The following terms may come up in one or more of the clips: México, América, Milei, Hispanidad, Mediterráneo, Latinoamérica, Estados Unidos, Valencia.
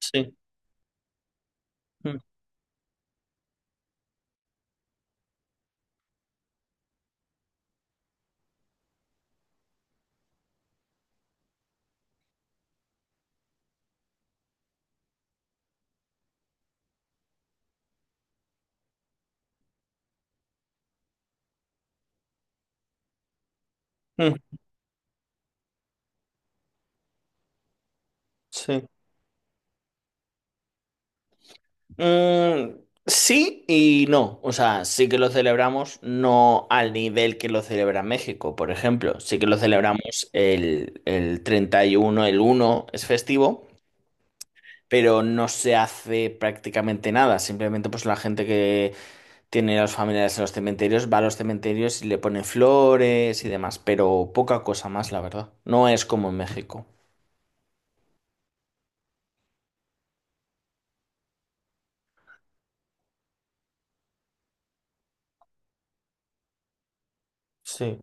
Sí, mm, mm, sí. Mm, sí y no. O sea, sí que lo celebramos, no al nivel que lo celebra México, por ejemplo. Sí que lo celebramos el 31, el uno es festivo, pero no se hace prácticamente nada. Simplemente pues la gente que tiene a los familiares en los cementerios va a los cementerios y le pone flores y demás, pero poca cosa más, la verdad. No es como en México. Sí.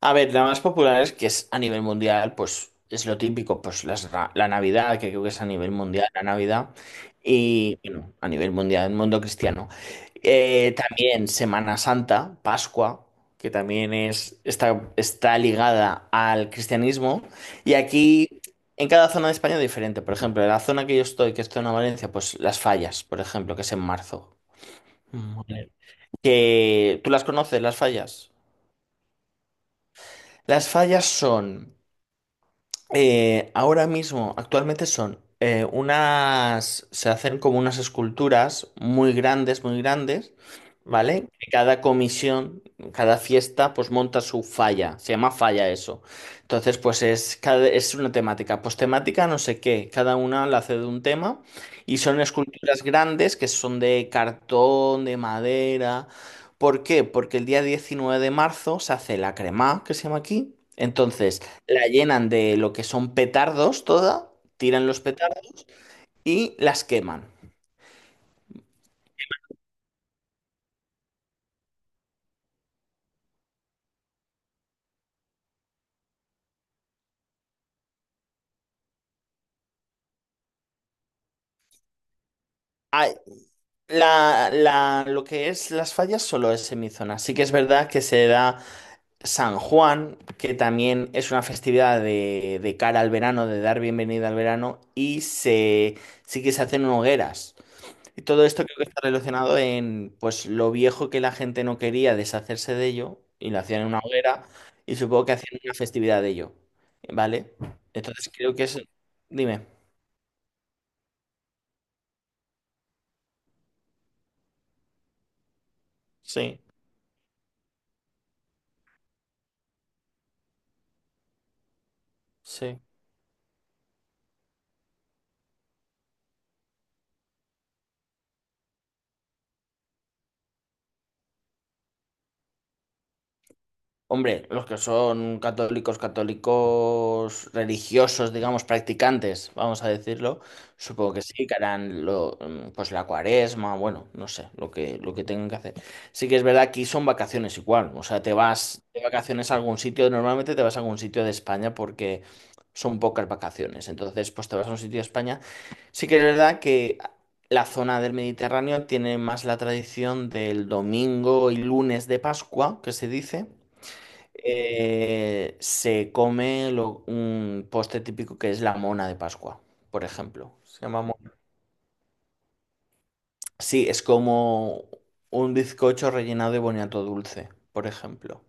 A ver, la más popular es que es a nivel mundial, pues es lo típico, pues la Navidad, que creo que es a nivel mundial la Navidad, y bueno, a nivel mundial, el mundo cristiano. También Semana Santa, Pascua, que también es, está ligada al cristianismo, y aquí en cada zona de España es diferente. Por ejemplo, en la zona que yo estoy, que es zona Valencia, pues las fallas, por ejemplo, que es en marzo. Mm. Que, ¿tú las conoces, las fallas? Las fallas son... ahora mismo, actualmente son unas, se hacen como unas esculturas muy grandes, ¿vale? Que cada comisión, cada fiesta, pues monta su falla, se llama falla eso. Entonces, pues es, cada, es una temática, pues temática no sé qué, cada una la hace de un tema y son esculturas grandes que son de cartón, de madera. ¿Por qué? Porque el día 19 de marzo se hace la crema, que se llama aquí. Entonces, la llenan de lo que son petardos toda, tiran los petardos y las queman. Ay, lo que es las fallas solo es en mi zona. Sí que es verdad que se da San Juan, que también es una festividad de cara al verano, de dar bienvenida al verano, y se, sí que se hacen hogueras. Y todo esto creo que está relacionado en pues lo viejo que la gente no quería deshacerse de ello y lo hacían en una hoguera y supongo que hacían una festividad de ello, ¿vale? Entonces creo que es... Dime. Sí, sí. Hombre, los que son católicos, católicos religiosos, digamos, practicantes, vamos a decirlo, supongo que sí, que harán lo, pues la cuaresma, bueno, no sé, lo que tengan que hacer. Sí que es verdad que aquí son vacaciones igual, o sea, te vas de vacaciones a algún sitio, normalmente te vas a algún sitio de España porque son pocas vacaciones, entonces pues te vas a un sitio de España. Sí que es verdad que la zona del Mediterráneo tiene más la tradición del domingo y lunes de Pascua, que se dice. Se come un postre típico que es la mona de Pascua, por ejemplo. Sí, es como un bizcocho rellenado de boniato dulce, por ejemplo.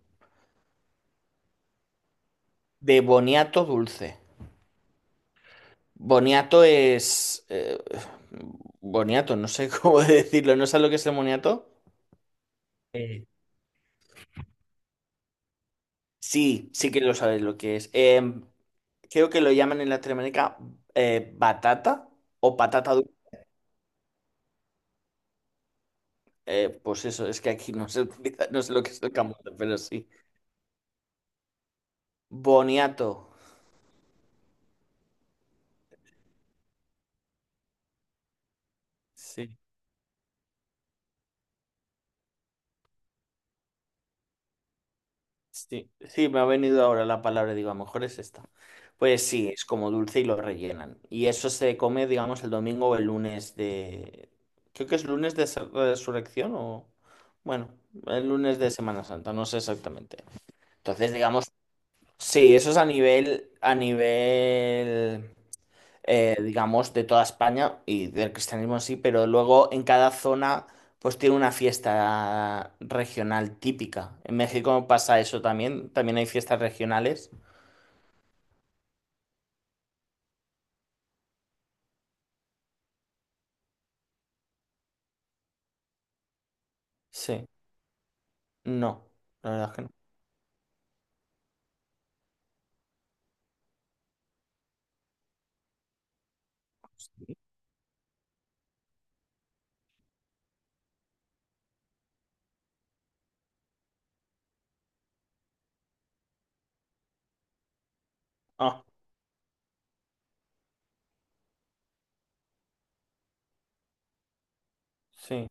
De boniato dulce. Boniato es... eh, Boniato, no sé cómo decirlo. ¿No sabes lo que es el boniato? Eh, Sí, sí que lo sabes lo que es. Creo que lo llaman en Latinoamérica batata o patata dulce. Pues eso, es que aquí no se utiliza, no sé lo que es el camote, pero sí. Boniato. Sí, sí, sí, me ha venido ahora la palabra, digo, a lo mejor es esta. Pues sí, es como dulce y lo rellenan. Y eso se come, digamos, el domingo o el lunes de... Creo que es lunes de resurrección o... Bueno, el lunes de Semana Santa, no sé exactamente. Entonces, digamos, sí, eso es a nivel digamos, de toda España y del cristianismo en sí, pero luego en cada zona pues tiene una fiesta regional típica. En México pasa eso también, también hay fiestas regionales. Sí, no, la verdad es que no. Ah, sí.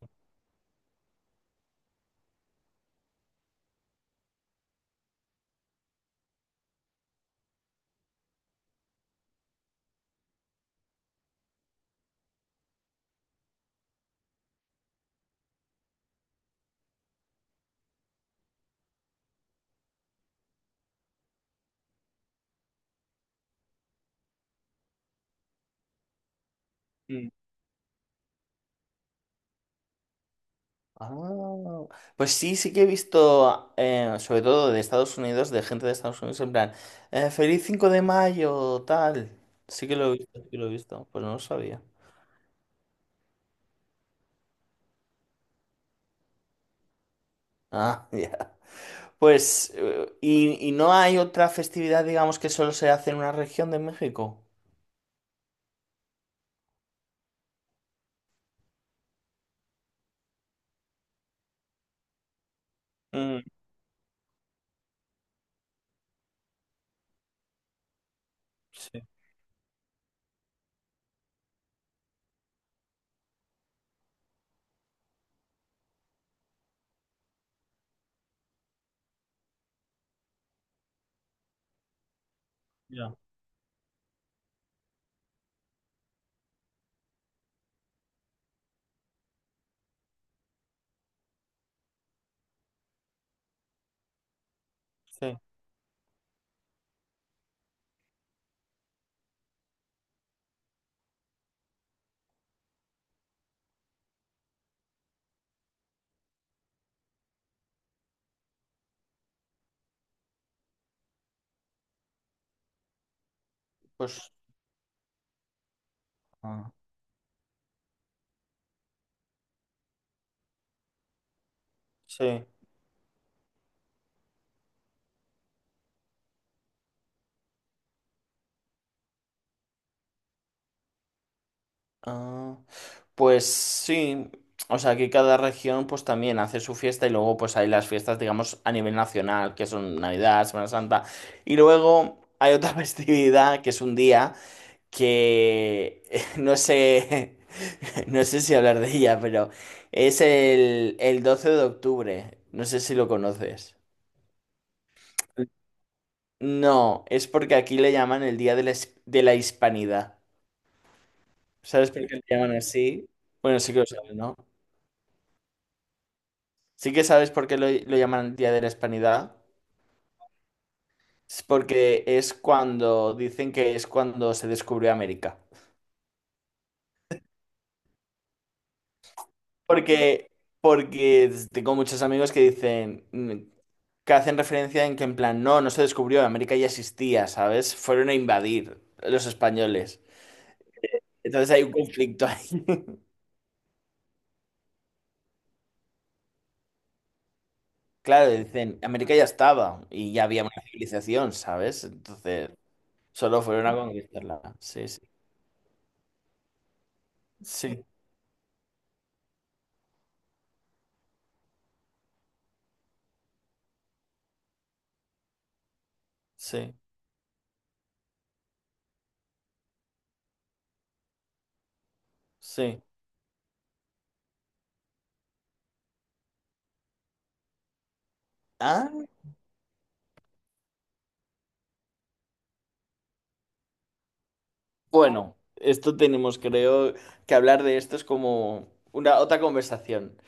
Mm. Ah, pues sí, sí que he visto, sobre todo de Estados Unidos, de gente de Estados Unidos, en plan, feliz 5 de mayo, tal. Sí que lo he visto, sí que lo he visto, pues no lo sabía. Ah, ya. Pues, ¿ y no hay otra festividad, digamos, que solo se hace en una región de México? Mm, sí, ya. Sí, pues, ah, sí. Ah, pues sí, o sea, que cada región pues también hace su fiesta y luego pues hay las fiestas, digamos, a nivel nacional, que son Navidad, Semana Santa, y luego hay otra festividad que es un día que no sé, no sé si hablar de ella, pero es el 12 de octubre, no sé si lo conoces. No, es porque aquí le llaman el Día de la, de la Hispanidad. ¿Sabes por qué le llaman así? Bueno, sí que lo sabes, ¿no? Sí que sabes por qué lo llaman el Día de la Hispanidad. Es porque es cuando, dicen que es cuando se descubrió América. Porque, porque tengo muchos amigos que dicen, que hacen referencia en que en plan, no, no se descubrió, América ya existía, ¿sabes? Fueron a invadir los españoles. Entonces hay un conflicto ahí. Claro, dicen, América ya estaba y ya había una civilización, ¿sabes? Entonces, solo fueron a conquistarla. Sí, sí, sí, sí, sí. Ah, bueno, esto tenemos, creo, que hablar de esto es como una otra conversación.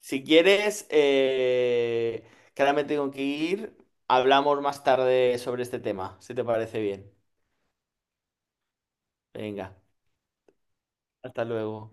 Si quieres, que ahora me tengo que ir, hablamos más tarde sobre este tema, si te parece bien. Venga, hasta luego.